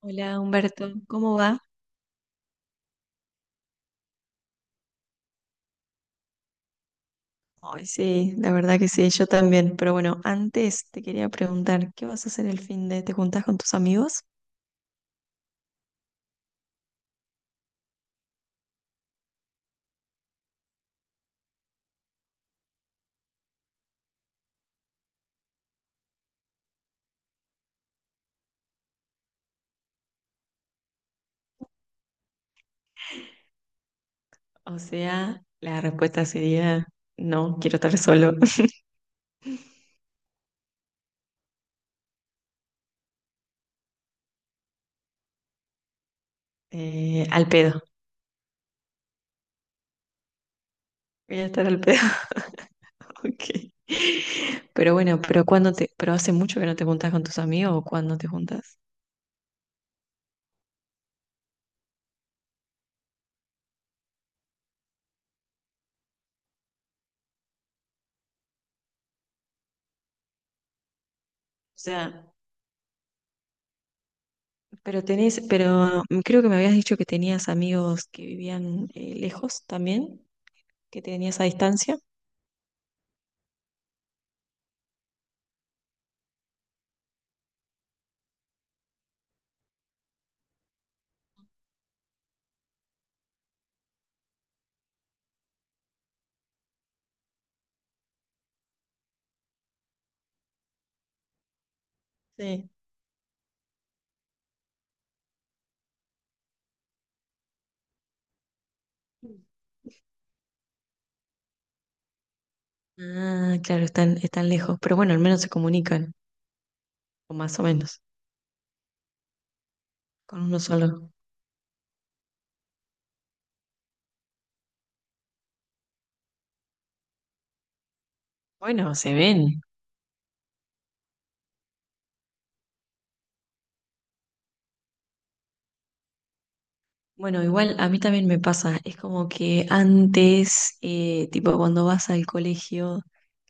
Hola Humberto, ¿cómo va? Ay, sí, la verdad que sí, yo también. Pero bueno, antes te quería preguntar, ¿qué vas a hacer el fin de? ¿Te juntás con tus amigos? O sea, la respuesta sería, no, quiero estar solo. Al pedo, voy a estar al pedo, ok. Pero bueno, pero cuando te, pero hace mucho que no te juntas con tus amigos o ¿cuándo te juntas? O sea, pero tenés, pero creo que me habías dicho que tenías amigos que vivían lejos también, que tenías a distancia. Sí. Ah, claro, están, están lejos, pero bueno, al menos se comunican, o más o menos, con uno solo. Bueno, se ven. Bueno, igual a mí también me pasa, es como que antes, tipo cuando vas al colegio,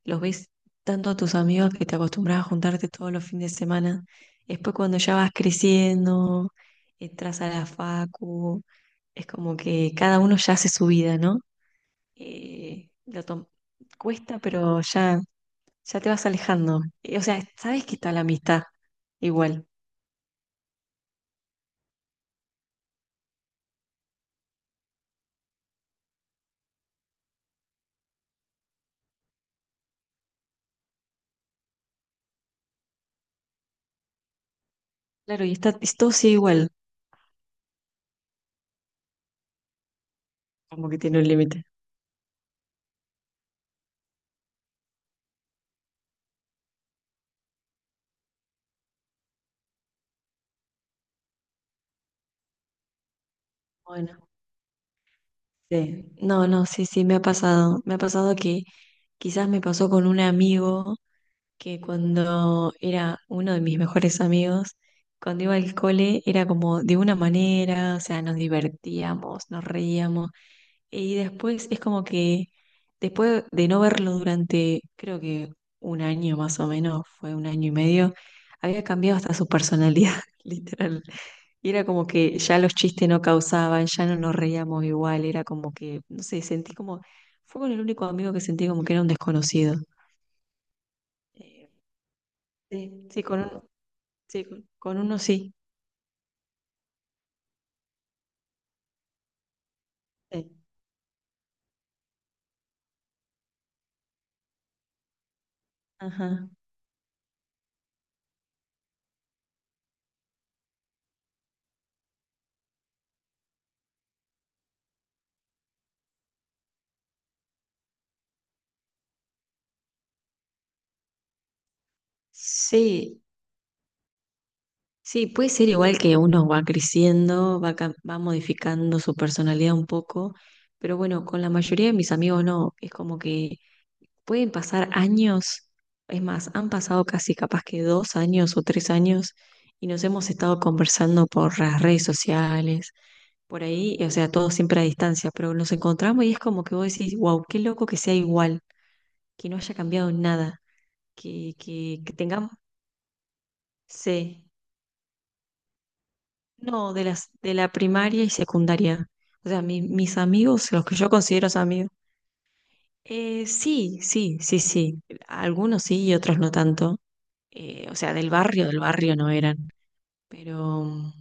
los ves tanto a tus amigos que te acostumbras a juntarte todos los fines de semana. Después cuando ya vas creciendo, entras a la facu, es como que cada uno ya hace su vida, ¿no? Eh, lo tom- cuesta, pero ya te vas alejando. O sea, sabes que está la amistad igual. Claro, y está, todo sigue igual, como que tiene un límite. Bueno, sí. No, no, sí, sí, me ha pasado. Me ha pasado que quizás me pasó con un amigo que cuando era uno de mis mejores amigos, cuando iba al cole era como de una manera, o sea, nos divertíamos, nos reíamos. Y después es como que, después de no verlo durante, creo que un año más o menos, fue 1 año y medio, había cambiado hasta su personalidad, literal. Y era como que ya los chistes no causaban, ya no nos reíamos igual, era como que, no sé, sentí como, fue con el único amigo que sentí como que era un desconocido. Eh, sí, sí, con uno, sí, con uno sí. Sí. Ajá. Sí, sí, puede ser igual que uno va creciendo, va, va modificando su personalidad un poco, pero bueno, con la mayoría de mis amigos no, es como que pueden pasar años, es más, han pasado casi capaz que 2 años o 3 años y nos hemos estado conversando por las redes sociales, por ahí, o sea, todo siempre a distancia, pero nos encontramos y es como que vos decís, wow, qué loco que sea igual, que no haya cambiado nada, que tengamos... Sí, no, de las, de la primaria y secundaria. O sea, mis amigos, los que yo considero amigos. Sí, sí, sí, sí. Algunos sí y otros no tanto. O sea, del barrio no eran. Pero,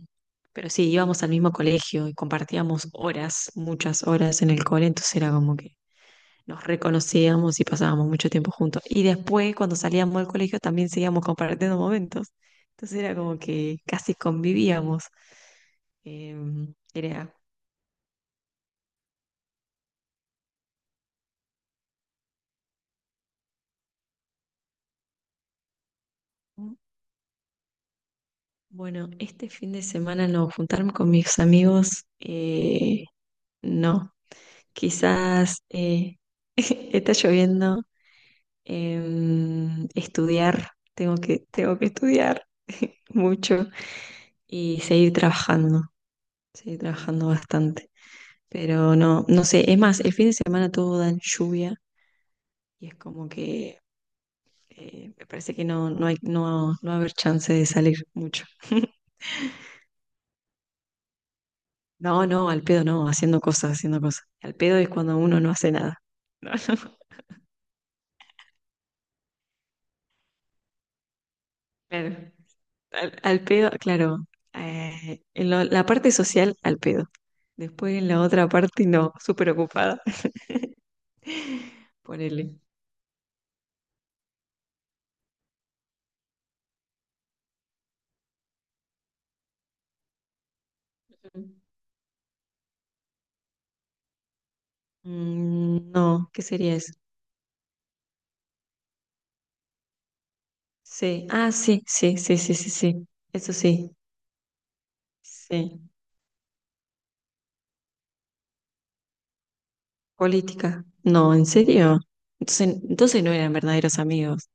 pero sí, íbamos al mismo colegio y compartíamos horas, muchas horas en el cole, entonces era como que nos reconocíamos y pasábamos mucho tiempo juntos. Y después, cuando salíamos del colegio, también seguíamos compartiendo momentos. Entonces era como que casi convivíamos. Em, era, "Mm, bueno, este fin de semana no, juntarme con mis amigos, no. Quizás está lloviendo, estudiar, tengo que estudiar mucho y seguir trabajando bastante. Pero no, no sé, es más, el fin de semana todo dan lluvia y es como que me parece que no, no hay, no, no va a haber chance de salir mucho. No, no, al pedo no, haciendo cosas, haciendo cosas. Al pedo es cuando uno no hace nada. No, no, claro. Al, al pedo, claro. En la parte social, al pedo. Después en la otra parte, no, súper ocupada. Ponele. Mm, no, ¿qué sería eso? Sí, ah, sí, sí, sí, sí, sí, sí. Eso sí. Sí. Política. No, ¿en serio? Entonces, entonces no eran verdaderos amigos.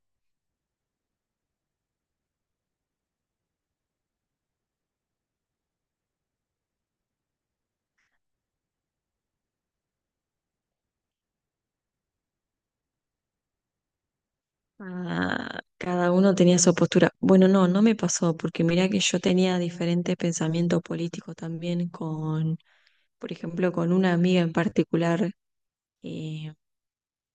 Ah, cada uno tenía su postura. Bueno, no, no me pasó, porque mirá que yo tenía diferentes pensamientos políticos también con, por ejemplo, con una amiga en particular. eh,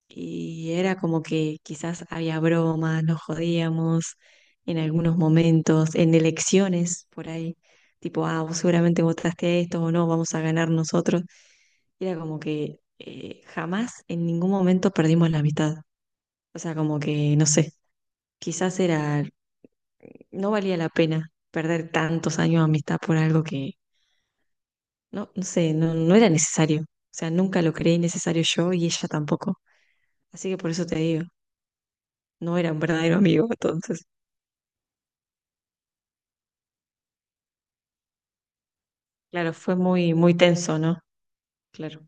Y era como que quizás había bromas, nos jodíamos en algunos momentos, en elecciones por ahí, tipo, ah, vos seguramente votaste a esto o no, vamos a ganar nosotros. Y era como que jamás en ningún momento perdimos la amistad. O sea, como que, no sé, quizás era, no valía la pena perder tantos años de amistad por algo que, no, no sé, no, no era necesario. O sea, nunca lo creí necesario yo y ella tampoco. Así que por eso te digo, no era un verdadero amigo. Entonces, claro, fue muy, muy tenso, ¿no? Claro.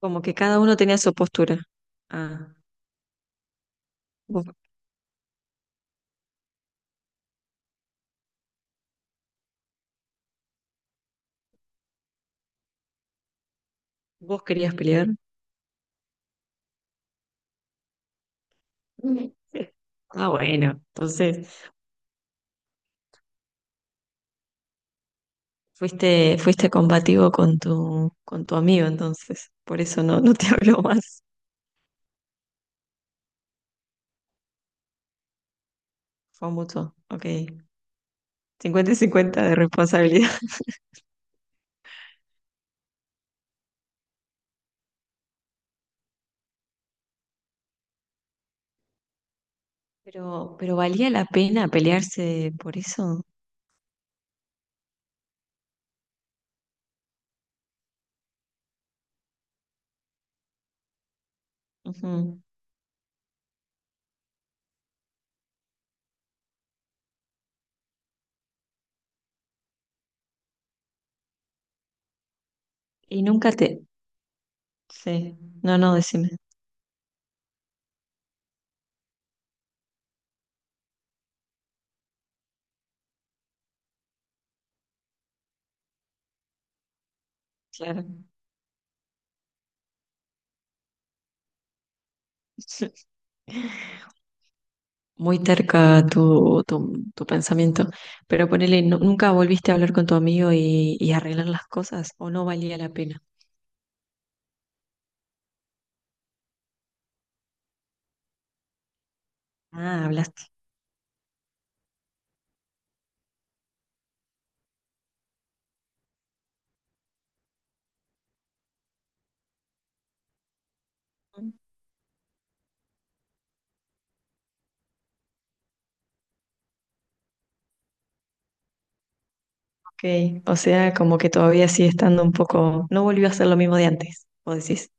Como que cada uno tenía su postura. Ah, vos, vos querías pelear. Ah, bueno, entonces fuiste, fuiste combativo con tu amigo, entonces. Por eso no, no te habló más. Fue mutuo. Ok. 50-50 de responsabilidad. Pero valía la pena pelearse por eso. Ujú. Y nunca te... Sí. No, no, decime. Claro. Muy terca tu, tu, tu pensamiento. Pero ponele, ¿nunca volviste a hablar con tu amigo y arreglar las cosas? ¿O no valía la pena? Ah, hablaste. Ok, o sea, como que todavía sigue estando un poco, no volvió a ser lo mismo de antes, vos decís.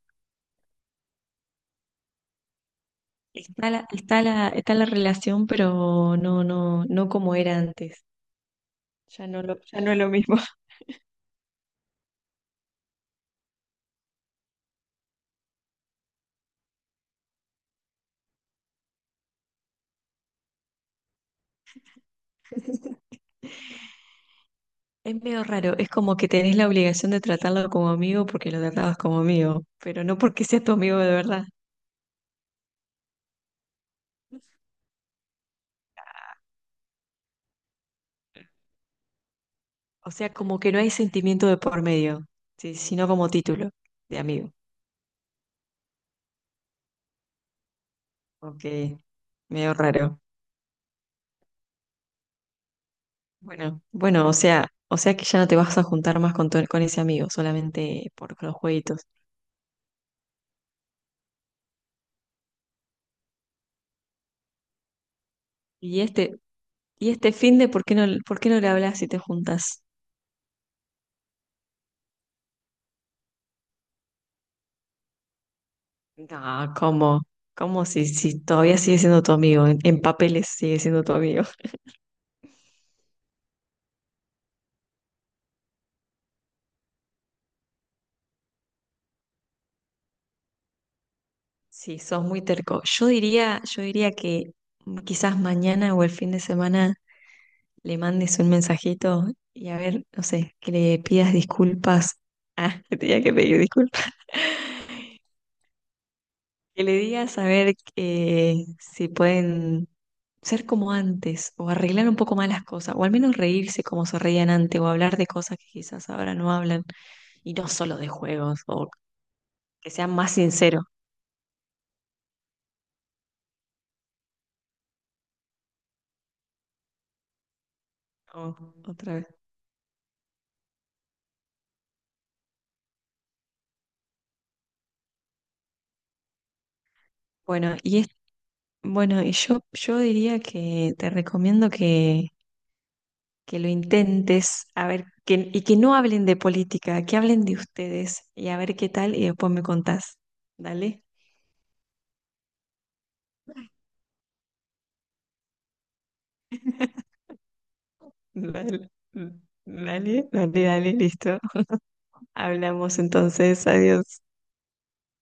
Está la, está la, está la relación, pero no, no, no como era antes. Ya no lo, ya no es lo mismo. Es medio raro, es como que tenés la obligación de tratarlo como amigo porque lo tratabas como amigo, pero no porque sea tu amigo de verdad. O sea, como que no hay sentimiento de por medio, sí, sino como título de amigo. Ok, medio raro. Bueno, bueno, o sea que ya no te vas a juntar más con, con ese amigo, solamente por los jueguitos. Y este, y este finde, por qué no le hablas si te juntas? No, ¿cómo? ¿Cómo si, si todavía sigue siendo tu amigo? En papeles sigue siendo tu amigo. Sí, sos muy terco. Yo diría que quizás mañana o el fin de semana le mandes un mensajito y a ver, no sé, que le pidas disculpas. Ah, te tenía que pedir disculpas. Que le digas a ver que si pueden ser como antes o arreglar un poco más las cosas o al menos reírse como se reían antes o hablar de cosas que quizás ahora no hablan y no solo de juegos o que sean más sinceros. Oh, otra vez. Bueno, y es, bueno, y yo diría que te recomiendo que lo intentes, a ver, que, y que no hablen de política, que hablen de ustedes y a ver qué tal y después me contás. Dale. Vale, dale dale dale, listo. Hablamos entonces, adiós.